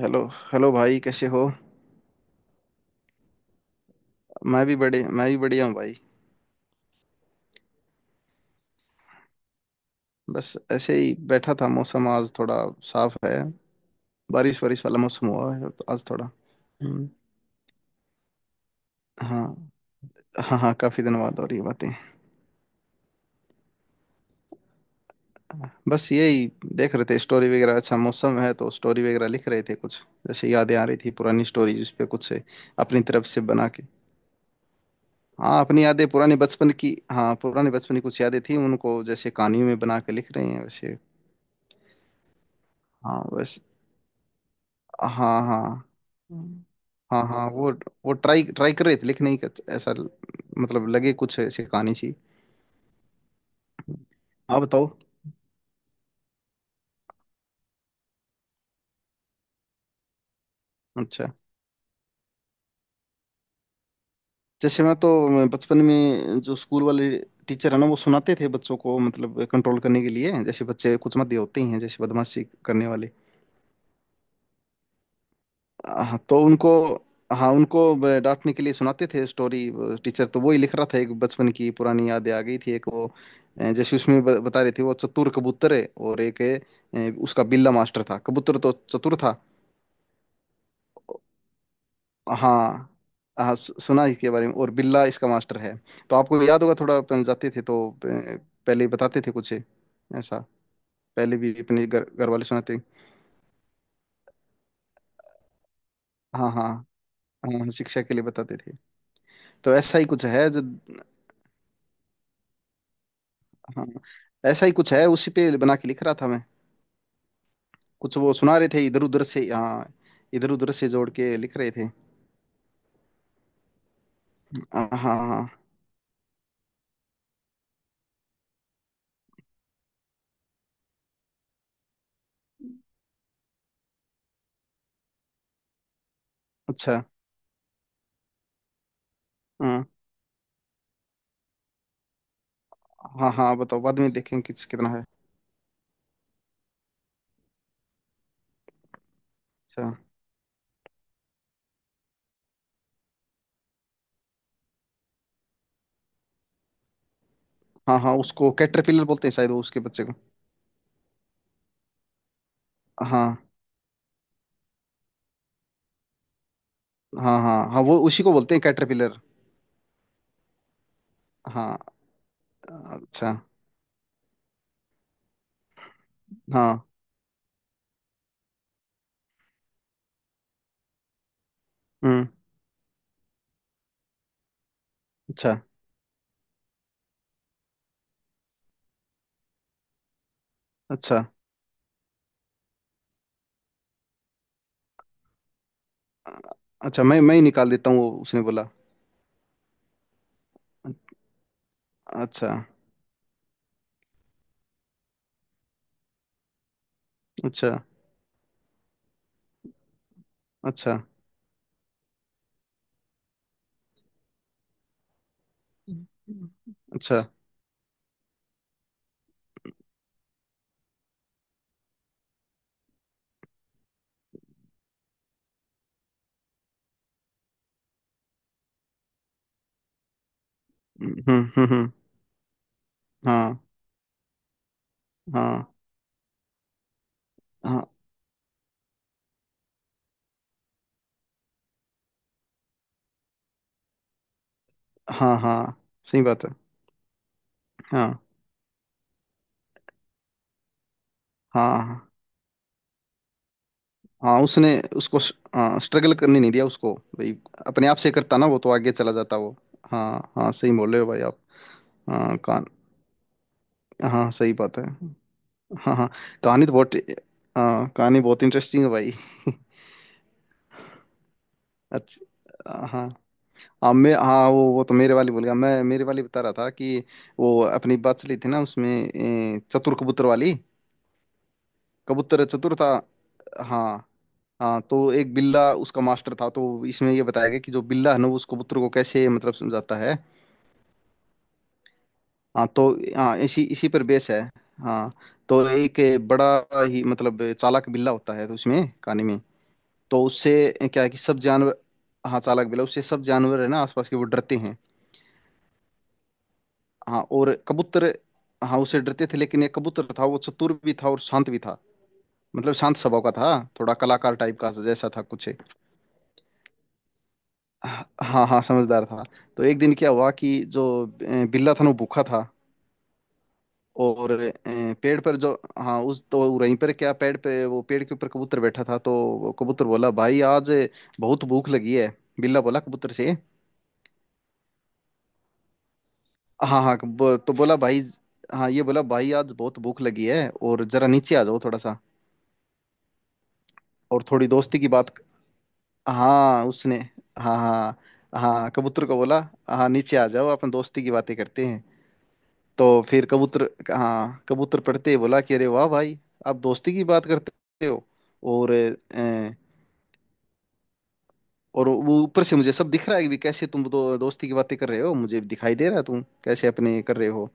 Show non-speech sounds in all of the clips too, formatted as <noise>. Hello. Hello भाई, कैसे हो? मैं भी बढ़िया हूँ भाई। बस ऐसे ही बैठा था। मौसम आज थोड़ा साफ है। बारिश वारिश वाला मौसम हुआ है तो आज थोड़ा हम्म। हाँ, हाँ, हाँ, काफी दिन बाद हो रही है बातें। बस यही देख रहे थे, स्टोरी वगैरह। अच्छा मौसम है तो स्टोरी वगैरह लिख रहे थे कुछ, जैसे यादें आ रही थी पुरानी स्टोरी जिस पे कुछ अपनी तरफ से बना के। हाँ, अपनी यादें पुराने बचपन की, हाँ पुराने बचपन की कुछ यादें थी उनको जैसे कहानियों में बना के लिख रहे हैं वैसे। हाँ बस। हाँ, हाँ। हम्म। हाँ, हाँ, वो ट्राई ट्राई कर रहे थे लेकिन नहीं कर- मतलब लगे कुछ ऐसी कहानी सी। आप बताओ। अच्छा, जैसे मैं बचपन में जो स्कूल वाले टीचर है ना वो सुनाते थे बच्चों को, मतलब कंट्रोल करने के लिए। जैसे बच्चे कुछ मत होते ही हैं, जैसे बदमाशी करने वाले। हाँ तो उनको, हाँ उनको डांटने के लिए सुनाते थे स्टोरी वो टीचर। तो वही लिख रहा था, एक बचपन की पुरानी यादें आ गई थी, एक वो जैसे उसमें बता रहे थे वो चतुर कबूतर है और एक है उसका बिल्ला मास्टर था, कबूतर तो चतुर था। हाँ, हाँ, सुना इसके बारे में और बिल्ला इसका मास्टर है। तो आपको याद होगा थोड़ा अपन जाते थे तो पहले ही बताते थे कुछ ऐसा। पहले भी अपने घर घर वाले सुनाते। हाँ, हाँ, हाँ, शिक्षा के लिए बताते थे। तो ऐसा ही कुछ है जो। हाँ, ऐसा ही कुछ है, उसी पे बना के लिख रहा था मैं। कुछ वो सुना रहे थे इधर उधर से। हाँ, इधर उधर से जोड़ के लिख रहे थे। हाँ, हाँ, हाँ, अच्छा। हाँ, हाँ, हाँ, बताओ, बाद में देखें किस कितना है। अच्छा। हाँ, हाँ, उसको कैटरपिलर बोलते हैं शायद, वो उसके बच्चे को। हाँ, हाँ, हाँ, हाँ, वो उसी को बोलते हैं कैटरपिलर। हाँ, अच्छा, हाँ, हम्म, अच्छा, अच्छा, अच्छा, मैं ही निकाल देता हूँ वो उसने बोला। अच्छा, अच्छा, अच्छा, अच्छा, हम्म, हम्म, हाँ, हाँ, हाँ, हाँ, हाँ, सही बात है। हाँ, हाँ, हाँ, हाँ, उसने उसको स्ट्रगल करने नहीं दिया उसको भाई। अपने आप से करता ना वो तो आगे चला जाता वो। हाँ, हाँ, सही बोल रहे हो भाई आप। हाँ, कान। हाँ, सही बात है। हाँ, हाँ, कहानी तो बहुत। हाँ, कहानी बहुत इंटरेस्टिंग है भाई। <laughs> अच्छा, हाँ, हाँ, मैं, हाँ, वो तो मेरे वाली बोल गया, मैं मेरे वाली बता रहा था कि वो अपनी बात चली थी ना, उसमें चतुर कबूतर वाली, कबूतर चतुर था। हाँ, हाँ, तो एक बिल्ला उसका मास्टर था, तो इसमें ये बताया गया कि जो बिल्ला है ना वो उस कबूतर को कैसे मतलब समझाता है। हाँ तो। हाँ, इसी इसी पर बेस है। हाँ, तो एक बड़ा ही मतलब चालाक बिल्ला होता है, तो उसमें कहानी में। तो उससे क्या है कि सब जानवर। हाँ, चालाक बिल्ला, उससे सब जानवर है ना आसपास के वो डरते हैं। हाँ, और कबूतर। हाँ, उससे डरते थे लेकिन ये कबूतर था, वो चतुर भी था और शांत भी था, मतलब शांत स्वभाव का था। थोड़ा कलाकार टाइप का जैसा था कुछ। हाँ, हाँ, समझदार था। तो एक दिन क्या हुआ कि जो बिल्ला था ना, वो भूखा था, और पेड़ पर जो। हाँ, उस तो वो वहीं पर क्या, पेड़ पे वो, पेड़ के ऊपर कबूतर बैठा था, तो वो कबूतर बोला, भाई आज बहुत भूख लगी है, बिल्ला बोला कबूतर से। हाँ, हाँ, तो बोला भाई। हाँ, ये बोला, भाई आज बहुत भूख लगी है, और जरा नीचे आ जाओ थोड़ा सा, और थोड़ी दोस्ती की बात। हाँ उसने। हाँ, हाँ, हाँ, कबूतर को बोला, हाँ नीचे आ जाओ, अपन दोस्ती की बातें करते हैं। तो फिर कबूतर, हाँ कबूतर पढ़ते ही बोला कि अरे वाह भाई, आप दोस्ती की बात करते हो, और अ, और वो ऊपर से मुझे सब दिख रहा है कि कैसे तुम दोस्ती की बातें कर रहे हो, मुझे दिखाई दे रहा है तुम कैसे अपने कर रहे हो।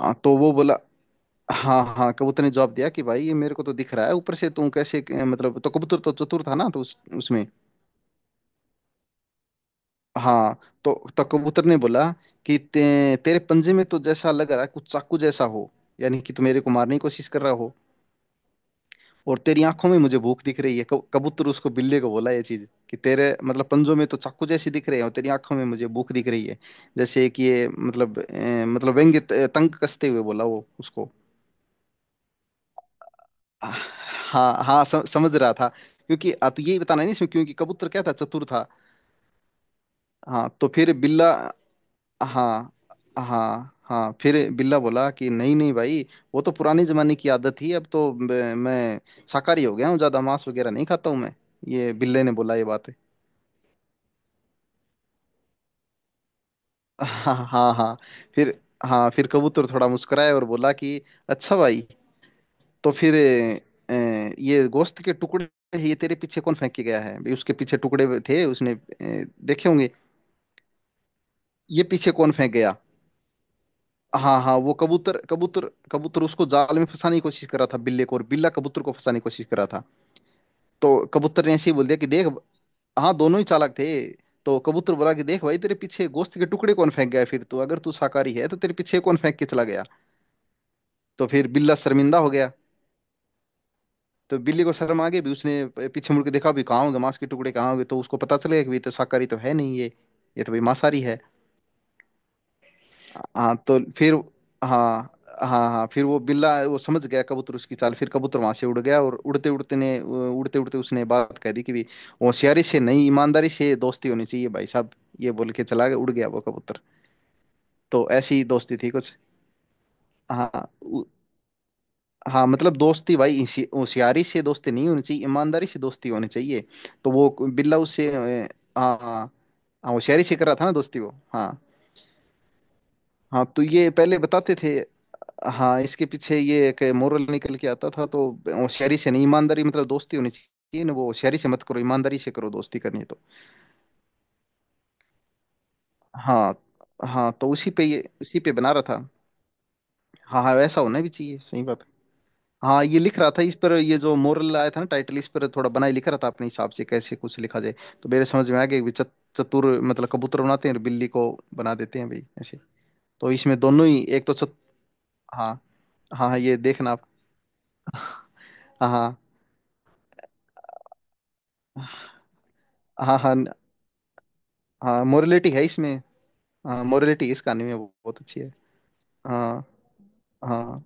हाँ, तो वो बोला। हाँ, हाँ, कबूतर ने जवाब दिया कि भाई ये मेरे को तो दिख रहा है ऊपर से तुम कैसे मतलब, तो कबूतर तो चतुर था ना, तो उस उसमें। हाँ तो कबूतर ने बोला कि तेरे पंजे में तो जैसा लग रहा है कुछ चाकू जैसा हो, यानी कि तुम मेरे को मारने की कोशिश कर रहा हो, और तेरी आंखों में मुझे भूख दिख रही है। कबूतर उसको बिल्ली को बोला ये चीज कि तेरे मतलब पंजों में तो चाकू जैसी दिख रहे हैं और तेरी आंखों में मुझे भूख दिख रही है, जैसे कि ये मतलब मतलब व्यंग्य तंग कसते हुए बोला वो उसको। हाँ, हाँ, समझ रहा था, क्योंकि तो यही बताना है नहीं इसमें, क्योंकि कबूतर क्या था, चतुर था। हाँ, तो फिर बिल्ला। हाँ, हाँ, हाँ, फिर बिल्ला बोला कि नहीं नहीं भाई, वो तो पुराने जमाने की आदत थी, अब तो मैं शाकाहारी हो गया हूँ, ज्यादा मांस वगैरह नहीं खाता हूँ मैं, ये बिल्ले ने बोला ये बात। हाँ, हाँ, हाँ, फिर। हाँ, फिर कबूतर थोड़ा मुस्कुराया और बोला कि अच्छा भाई, तो फिर अ, ये गोश्त के टुकड़े, ये तेरे पीछे कौन फेंक के गया है भाई, उसके पीछे टुकड़े थे, उसने देखे होंगे, ये पीछे कौन फेंक गया। हाँ, हाँ, वो कबूतर कबूतर कबूतर उसको जाल में फंसाने की कोशिश कर रहा था बिल्ले को, और बिल्ला कबूतर को फंसाने की कोशिश कर रहा था। तो कबूतर ने ऐसे ही बोल दिया कि देख। हाँ, दोनों ही चालाक थे। तो कबूतर बोला कि देख भाई, तेरे पीछे गोश्त के टुकड़े कौन फेंक गया है, फिर तो अगर तू शाकाहारी है तो तेरे पीछे कौन फेंक के चला गया। तो फिर बिल्ला शर्मिंदा हो गया, तो बिल्ली को शर्म आ गई, भी उसने पीछे मुड़ के देखा, भी कहाँ होंगे मांस के टुकड़े, कहाँ होंगे, तो उसको पता चलेगा कि भी ये तो शाकाहारी तो है नहीं ये, ये तो भाई मांसाहारी है। हाँ तो फिर। हाँ, हाँ, हाँ, फिर वो बिल्ला वो समझ गया कबूतर उसकी चाल, फिर कबूतर वहां से उड़ गया, और उड़ते उड़ते ने उड़ते उड़ते उसने बात कह दी कि भी होशियारी से नहीं ईमानदारी से दोस्ती होनी चाहिए भाई साहब, ये बोल के चला गया, उड़ गया वो कबूतर। तो ऐसी दोस्ती थी कुछ। हाँ, हाँ, मतलब दोस्ती भाई इसी- होशियारी से दोस्ती नहीं होनी चाहिए, ईमानदारी से दोस्ती होनी चाहिए। तो वो बिल्ला उससे हाँ, हाँ, हाँ, होशियारी से कर रहा था ना दोस्ती वो। हाँ, हाँ, तो ये पहले बताते थे। हाँ, इसके पीछे ये एक मोरल निकल के आता था, तो होशियारी से नहीं, ईमानदारी मतलब दोस्ती होनी चाहिए ना, वो होशियारी से मत करो, ईमानदारी से करो दोस्ती करनी है तो। हाँ। हाँ, तो उसी पे ये उसी पे बना रहा था। हाँ, हाँ, वैसा होना भी चाहिए, सही बात है। हाँ, ये लिख रहा था इस पर, ये जो मोरल आया था ना, टाइटल इस पर थोड़ा बनाए लिख रहा था अपने हिसाब से, कैसे कुछ लिखा जाए। तो मेरे समझ में आ गया कि चतुर मतलब कबूतर बनाते हैं और बिल्ली को बना देते हैं भाई ऐसे। तो इसमें दोनों ही एक तो हाँ, हाँ, हाँ, ये देखना आप। हाँ, हाँ, हाँ, हाँ, हाँ, मोरलिटी है इसमें। हाँ, मोरलिटी इस कहानी में बहुत अच्छी है। हाँ, हाँ,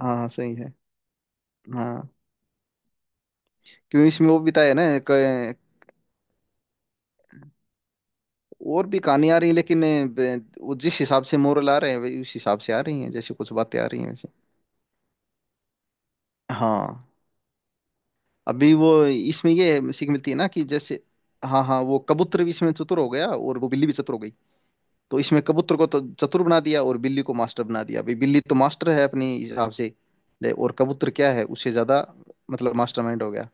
हाँ, सही है। हाँ, क्योंकि इसमें वो भी बताया ना, और भी कहानी आ रही है लेकिन वो जिस हिसाब से मोरल आ रहे हैं वही उस हिसाब से आ रही हैं, जैसे कुछ बातें आ रही हैं वैसे। हाँ, अभी वो इसमें ये सीख मिलती है ना कि जैसे। हाँ, हाँ, वो कबूतर भी इसमें चतुर हो गया और वो बिल्ली भी चतुर हो गई, तो इसमें कबूतर को तो चतुर बना दिया और बिल्ली को मास्टर बना दिया, अभी बिल्ली तो मास्टर है अपने हिसाब से ले, और कबूतर क्या है उससे ज्यादा, मतलब मास्टरमाइंड हो गया।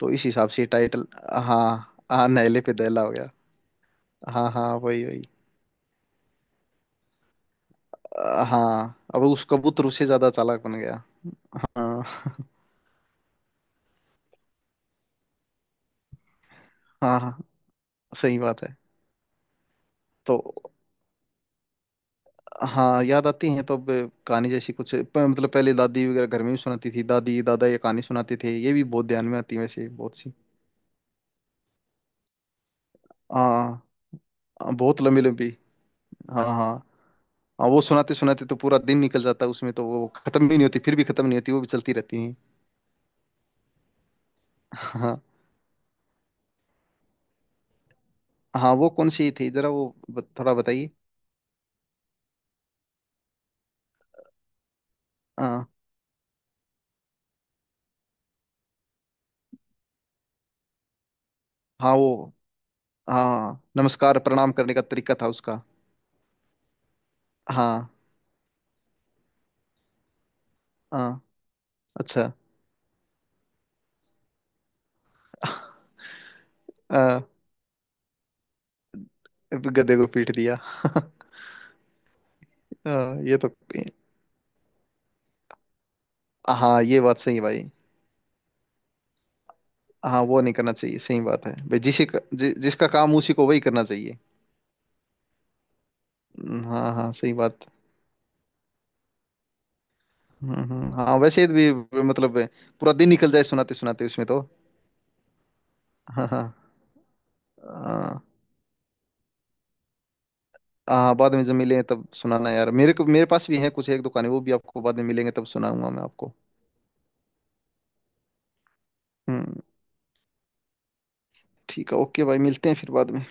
तो इस हिसाब से टाइटल। हाँ, हाँ, नहले पे दहला हो गया। हाँ, हाँ, वही वही। हाँ, अब उस कबूतर उससे ज्यादा चालाक बन गया। हाँ। <laughs> हाँ, हाँ, सही बात है। तो हाँ याद आती हैं, तो अब कहानी जैसी कुछ मतलब पहले दादी वगैरह घर में भी सुनाती थी, दादी दादा ये कहानी सुनाते थे, ये भी बहुत ध्यान में आती है वैसे बहुत सी। हाँ, हाँ, बहुत लंबी लंबी। हाँ, हाँ, हाँ, वो सुनाते सुनाते तो पूरा दिन निकल जाता है उसमें, तो वो खत्म भी नहीं होती, फिर भी खत्म नहीं होती, वो भी चलती रहती हैं। हाँ, हाँ, वो कौन सी थी जरा वो थोड़ा बताइए। हाँ, हाँ, वो। हाँ, नमस्कार प्रणाम करने का तरीका था उसका। हाँ, हाँ, अच्छा। <laughs> गधे को पीट दिया। <laughs> हाँ, ये तो। हाँ, ये बात सही है भाई। हाँ, वो नहीं करना चाहिए, सही बात है भाई, जिसे जिसका काम उसी को वही करना चाहिए। हाँ, हाँ, सही बात। हम्म, हाँ, वैसे भी मतलब पूरा दिन निकल जाए सुनाते सुनाते उसमें तो। हाँ, हाँ, हाँ। हाँ, बाद में जब मिले तब सुनाना यार मेरे को, मेरे पास भी है कुछ एक दुकानें, वो भी आपको बाद में मिलेंगे तब सुनाऊंगा मैं आपको। हम्म ठीक है, ओके भाई, मिलते हैं फिर बाद में।